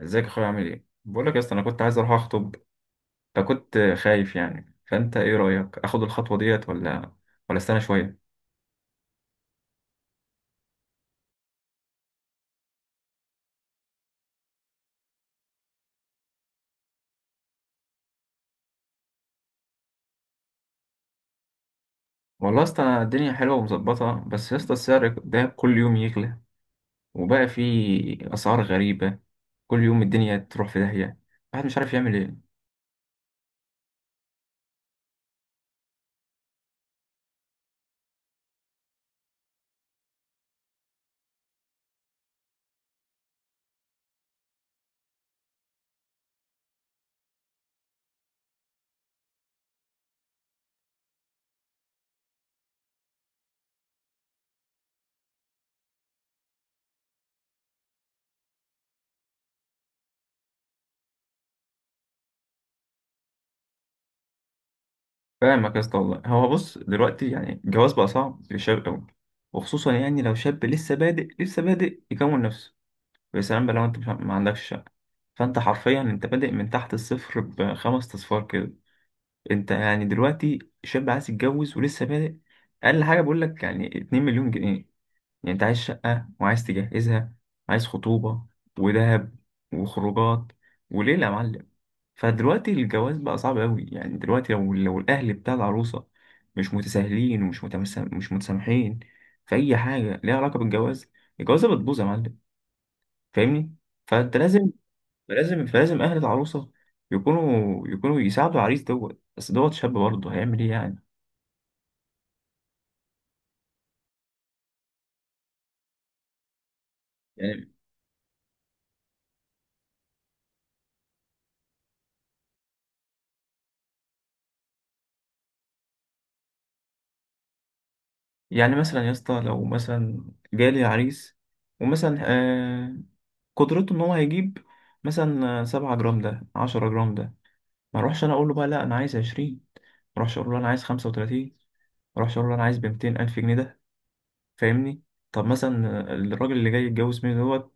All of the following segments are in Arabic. ازيك يا اخويا، عامل ايه؟ بقول لك يا اسطى، انا كنت عايز اروح اخطب. فكنت خايف يعني، فانت ايه رايك، اخد الخطوه ديت ولا استنى شويه؟ والله يا اسطى، أنا الدنيا حلوه ومظبطه. بس يا اسطى، السعر ده كل يوم يغلى، وبقى في اسعار غريبه. كل يوم الدنيا تروح في داهيه، الواحد مش عارف يعمل ايه. فاهمك يا اسطى والله. هو بص دلوقتي، يعني الجواز بقى صعب للشباب قوي، وخصوصا يعني لو شاب لسه بادئ يكون نفسه. يا سلام بقى، لو انت ما عندكش. فانت حرفيا انت بادئ من تحت الصفر بخمس اصفار كده. انت يعني دلوقتي شاب عايز يتجوز ولسه بادئ. اقل حاجه بقول لك يعني 2 مليون جنيه. يعني انت عايز شقه وعايز تجهزها، عايز خطوبه ودهب وخروجات وليله يا معلم. فدلوقتي الجواز بقى صعب قوي. يعني دلوقتي لو الاهل بتاع العروسه مش متساهلين مش متسامحين في اي حاجه ليها علاقه بالجواز، الجوازه بتبوظ يا معلم. فاهمني؟ فانت لازم. فلازم اهل العروسه يكونوا يساعدوا العريس دوت. بس دوت شاب برضه هيعمل ايه يعني يعني مثلا يا اسطى، لو مثلا جالي عريس، ومثلا قدرته ان هو هيجيب مثلا 7 جرام ده، 10 جرام ده، ما اروحش انا اقول له بقى لا انا عايز 20، ما اروحش اقول له انا عايز 35، ما اروحش اقول له انا عايز 200 الف جنيه ده. فاهمني؟ طب مثلا الراجل اللي جاي يتجوز مني دوت،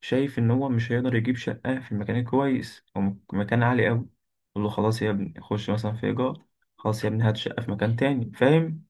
شايف ان هو مش هيقدر يجيب شقه في المكان الكويس او مكان عالي قوي، يقول له خلاص يا ابني خش مثلا في ايجار، خلاص يا ابني هات شقه في مكان تاني. فاهم؟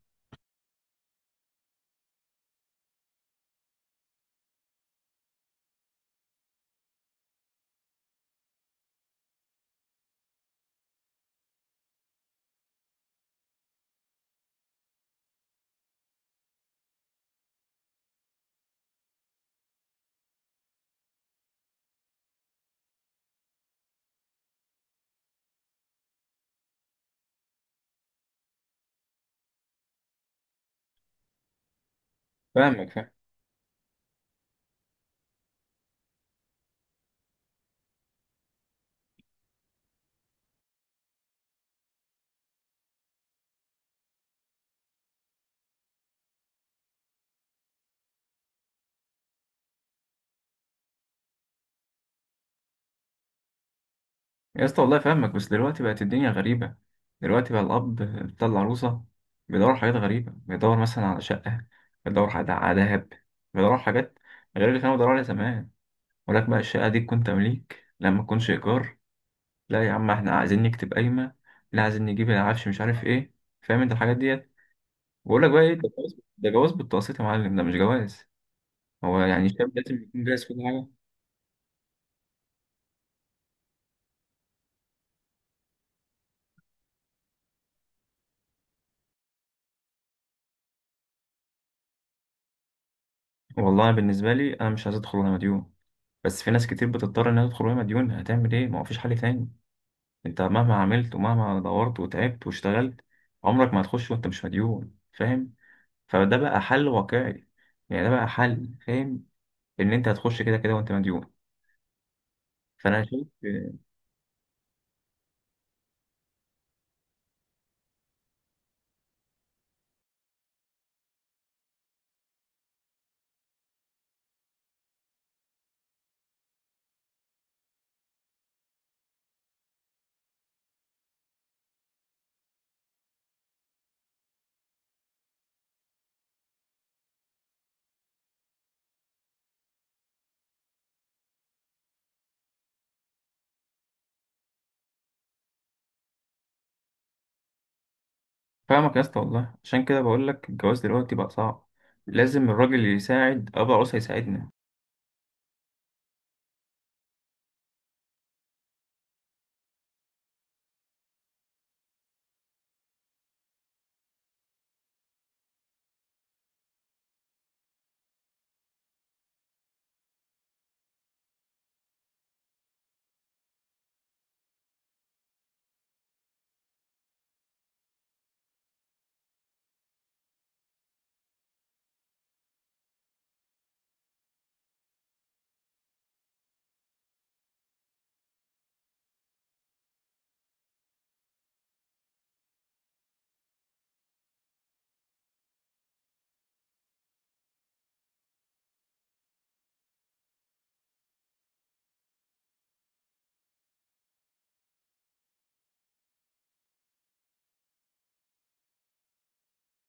فاهمك يا اسطى والله، فاهمك. بس دلوقتي بقت الدنيا غريبه. دلوقتي بقى الاب بتاع العروسه بيدور على حاجات غريبه، بيدور مثلا على شقه، بيدور على دهب، بيدور على حاجات غير اللي كانوا بيدوروا عليها زمان. ولك بقى الشقه دي تكون تمليك لما تكونش ايجار، لا يا عم احنا عايزين نكتب قايمة، لا عايزين نجيب العفش مش عارف ايه. فاهم؟ انت الحاجات ديت، بقول لك بقى ايه ده؟ جواز؟ ده جواز بالتقسيط يا معلم، ده مش جواز. هو يعني الشاب لازم يكون جاهز في كل حاجة؟ والله بالنسبة لي، انا مش عايز ادخل وانا مديون. بس في ناس كتير بتضطر انها تدخل وهي مديون، هتعمل ايه؟ ما هو فيش حل تاني. انت مهما عملت ومهما دورت وتعبت واشتغلت، عمرك ما هتخش وانت مش مديون. فاهم؟ فده بقى حل واقعي، يعني ده بقى حل. فاهم؟ ان انت هتخش كده كده وانت مديون. فانا شايف. فاهمك يا اسطى والله، عشان كده بقول لك الجواز دلوقتي بقى صعب، لازم الراجل اللي يساعد ابو العروسه يساعدنا.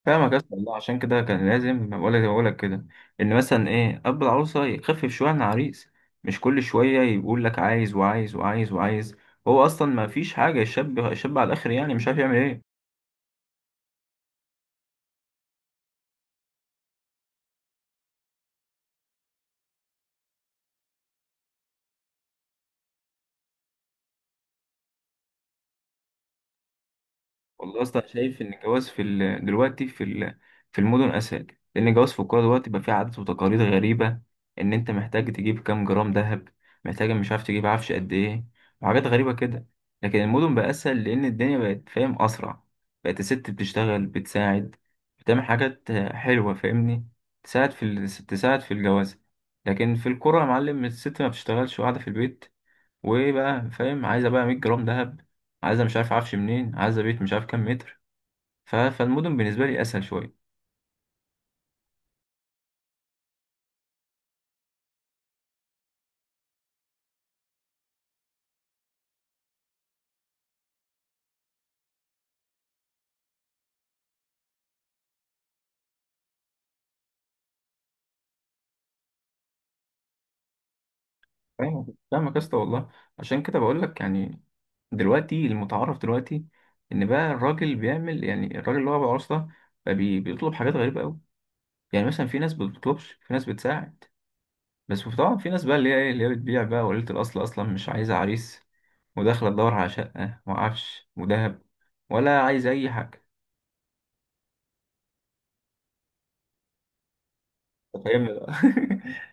فاهمك يا اسطى والله، عشان كده كان لازم بقول لك كده. ان مثلا ايه اب العروسه يخفف شويه عن العريس، مش كل شويه يقول لك عايز وعايز وعايز وعايز. هو اصلا ما فيش حاجه، الشاب على الاخر يعني، مش عارف يعمل ايه. والله اصلا شايف ان الجواز في دلوقتي في في المدن اسهل. لان الجواز في القرى دلوقتي بقى فيه عادات وتقاليد غريبه. ان انت محتاج تجيب كام جرام ذهب، محتاج مش عارف تجيب عفش قد ايه، وحاجات غريبه كده. لكن المدن بقى اسهل، لان الدنيا بقت فاهم اسرع. بقت الست بتشتغل بتساعد، بتعمل حاجات حلوه. فاهمني؟ تساعد في تساعد في الجواز. لكن في القرى يا معلم الست ما بتشتغلش وقاعده في البيت، وايه بقى؟ فاهم؟ عايزه بقى 100 جرام ذهب، عايزه مش عارف عفش منين، عايزه بيت مش عارف كام متر. فالمدن بالنسبه لي اسهل شويه. فاهم؟ فاهمك يا اسطى والله، عشان كده بقول لك يعني دلوقتي المتعارف دلوقتي، ان بقى الراجل بيعمل يعني الراجل اللي هو ابو عروسه ده بقى بيطلب حاجات غريبه قوي. يعني مثلا في ناس بتطلبش، في ناس بتساعد. بس طبعا في ناس بقى اللي هي ايه، اللي هي بتبيع بقى وليله، الاصل اصلا مش عايزه عريس، وداخله تدور على شقه وعفش وذهب، ولا عايزه اي حاجه. فاهمني بقى.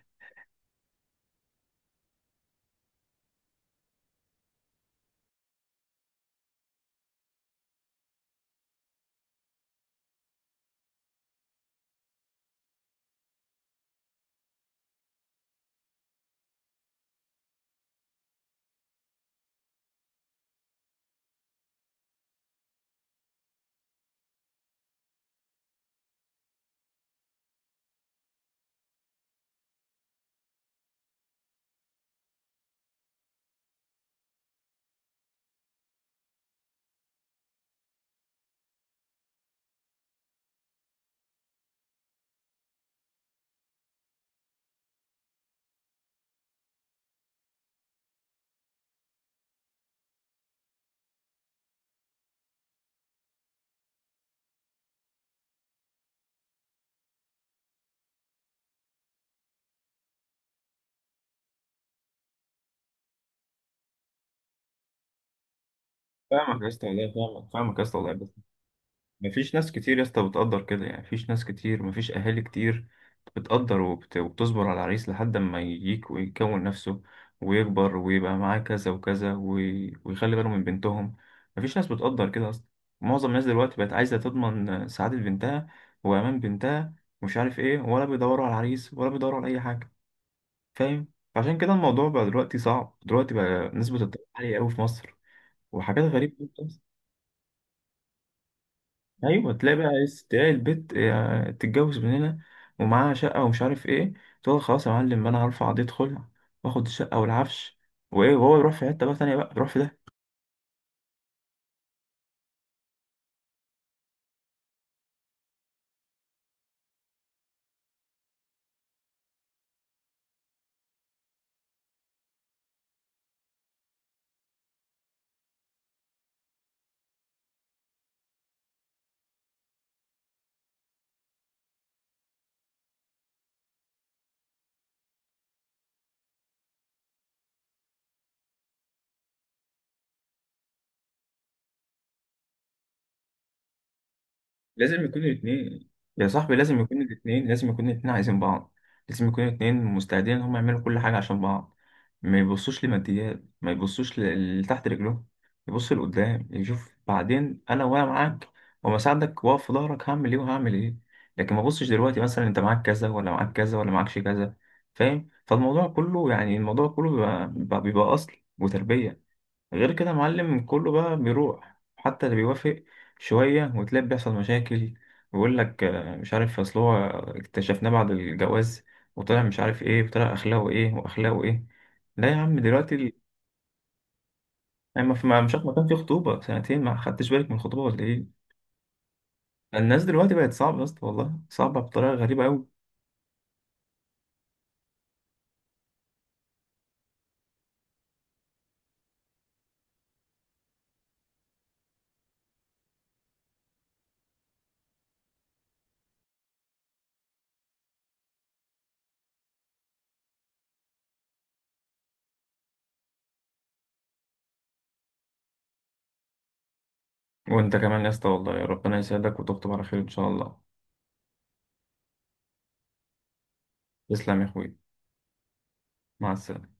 فاهمك يا اسطى والله، فاهمك يا اسطى والله. بس مفيش ناس كتير يا اسطى بتقدر كده، يعني مفيش ناس كتير، مفيش اهالي كتير بتقدر وبتصبر على العريس لحد ما يجيك ويكون نفسه، ويكبر ويبقى معاه كذا وكذا، ويخلي باله من بنتهم. مفيش ناس بتقدر كده اصلا. معظم الناس دلوقتي بقت عايزه تضمن سعاده بنتها وامان بنتها ومش عارف ايه، ولا بيدوروا على العريس ولا بيدوروا على اي حاجه. فاهم؟ عشان كده الموضوع بقى دلوقتي صعب، دلوقتي بقى نسبه الطلاق عاليه قوي في مصر، وحاجات غريبه. ايوه، تلاقي بقى تلاقي البت تتجوز من هنا، ومعاها شقه ومش عارف ايه، تقول خلاص يا معلم انا هرفع قضيه خلع، واخد الشقه والعفش وايه، وهو يروح في حته بقى تانيه، بقى يروح في. لازم يكون الاثنين يا صاحبي، لازم يكون الاثنين عايزين بعض. لازم يكون الاثنين مستعدين ان هم يعملوا كل حاجة عشان بعض. ما يبصوش لماديات، ما يبصوش لتحت رجلهم. يبص لقدام يشوف بعدين، انا وانا معاك وما ساعدك واقف في ظهرك، هعمل ايه وهعمل ايه. لكن ما بصش دلوقتي مثلا انت معاك كذا، ولا معاك كذا، ولا معكش كذا. فاهم؟ فالموضوع كله يعني، الموضوع كله بيبقى اصل وتربية. غير كده يا معلم كله بقى بيروح، حتى اللي بيوافق شوية وتلاقي بيحصل مشاكل، ويقول لك مش عارف، أصل هو اكتشفناه بعد الجواز، وطلع مش عارف إيه، وطلع أخلاقه إيه وأخلاقه إيه. لا يا عم، دلوقتي أما في مش عارف، ما كان في خطوبة سنتين؟ ما خدتش بالك من الخطوبة ولا إيه؟ الناس دلوقتي بقت صعبة يا اسطى والله، صعبة بطريقة غريبة أوي. وأنت كمان يا اسطى والله، ربنا يسعدك وتخطب على خير إن شاء الله. تسلم يا أخوي. مع السلامة.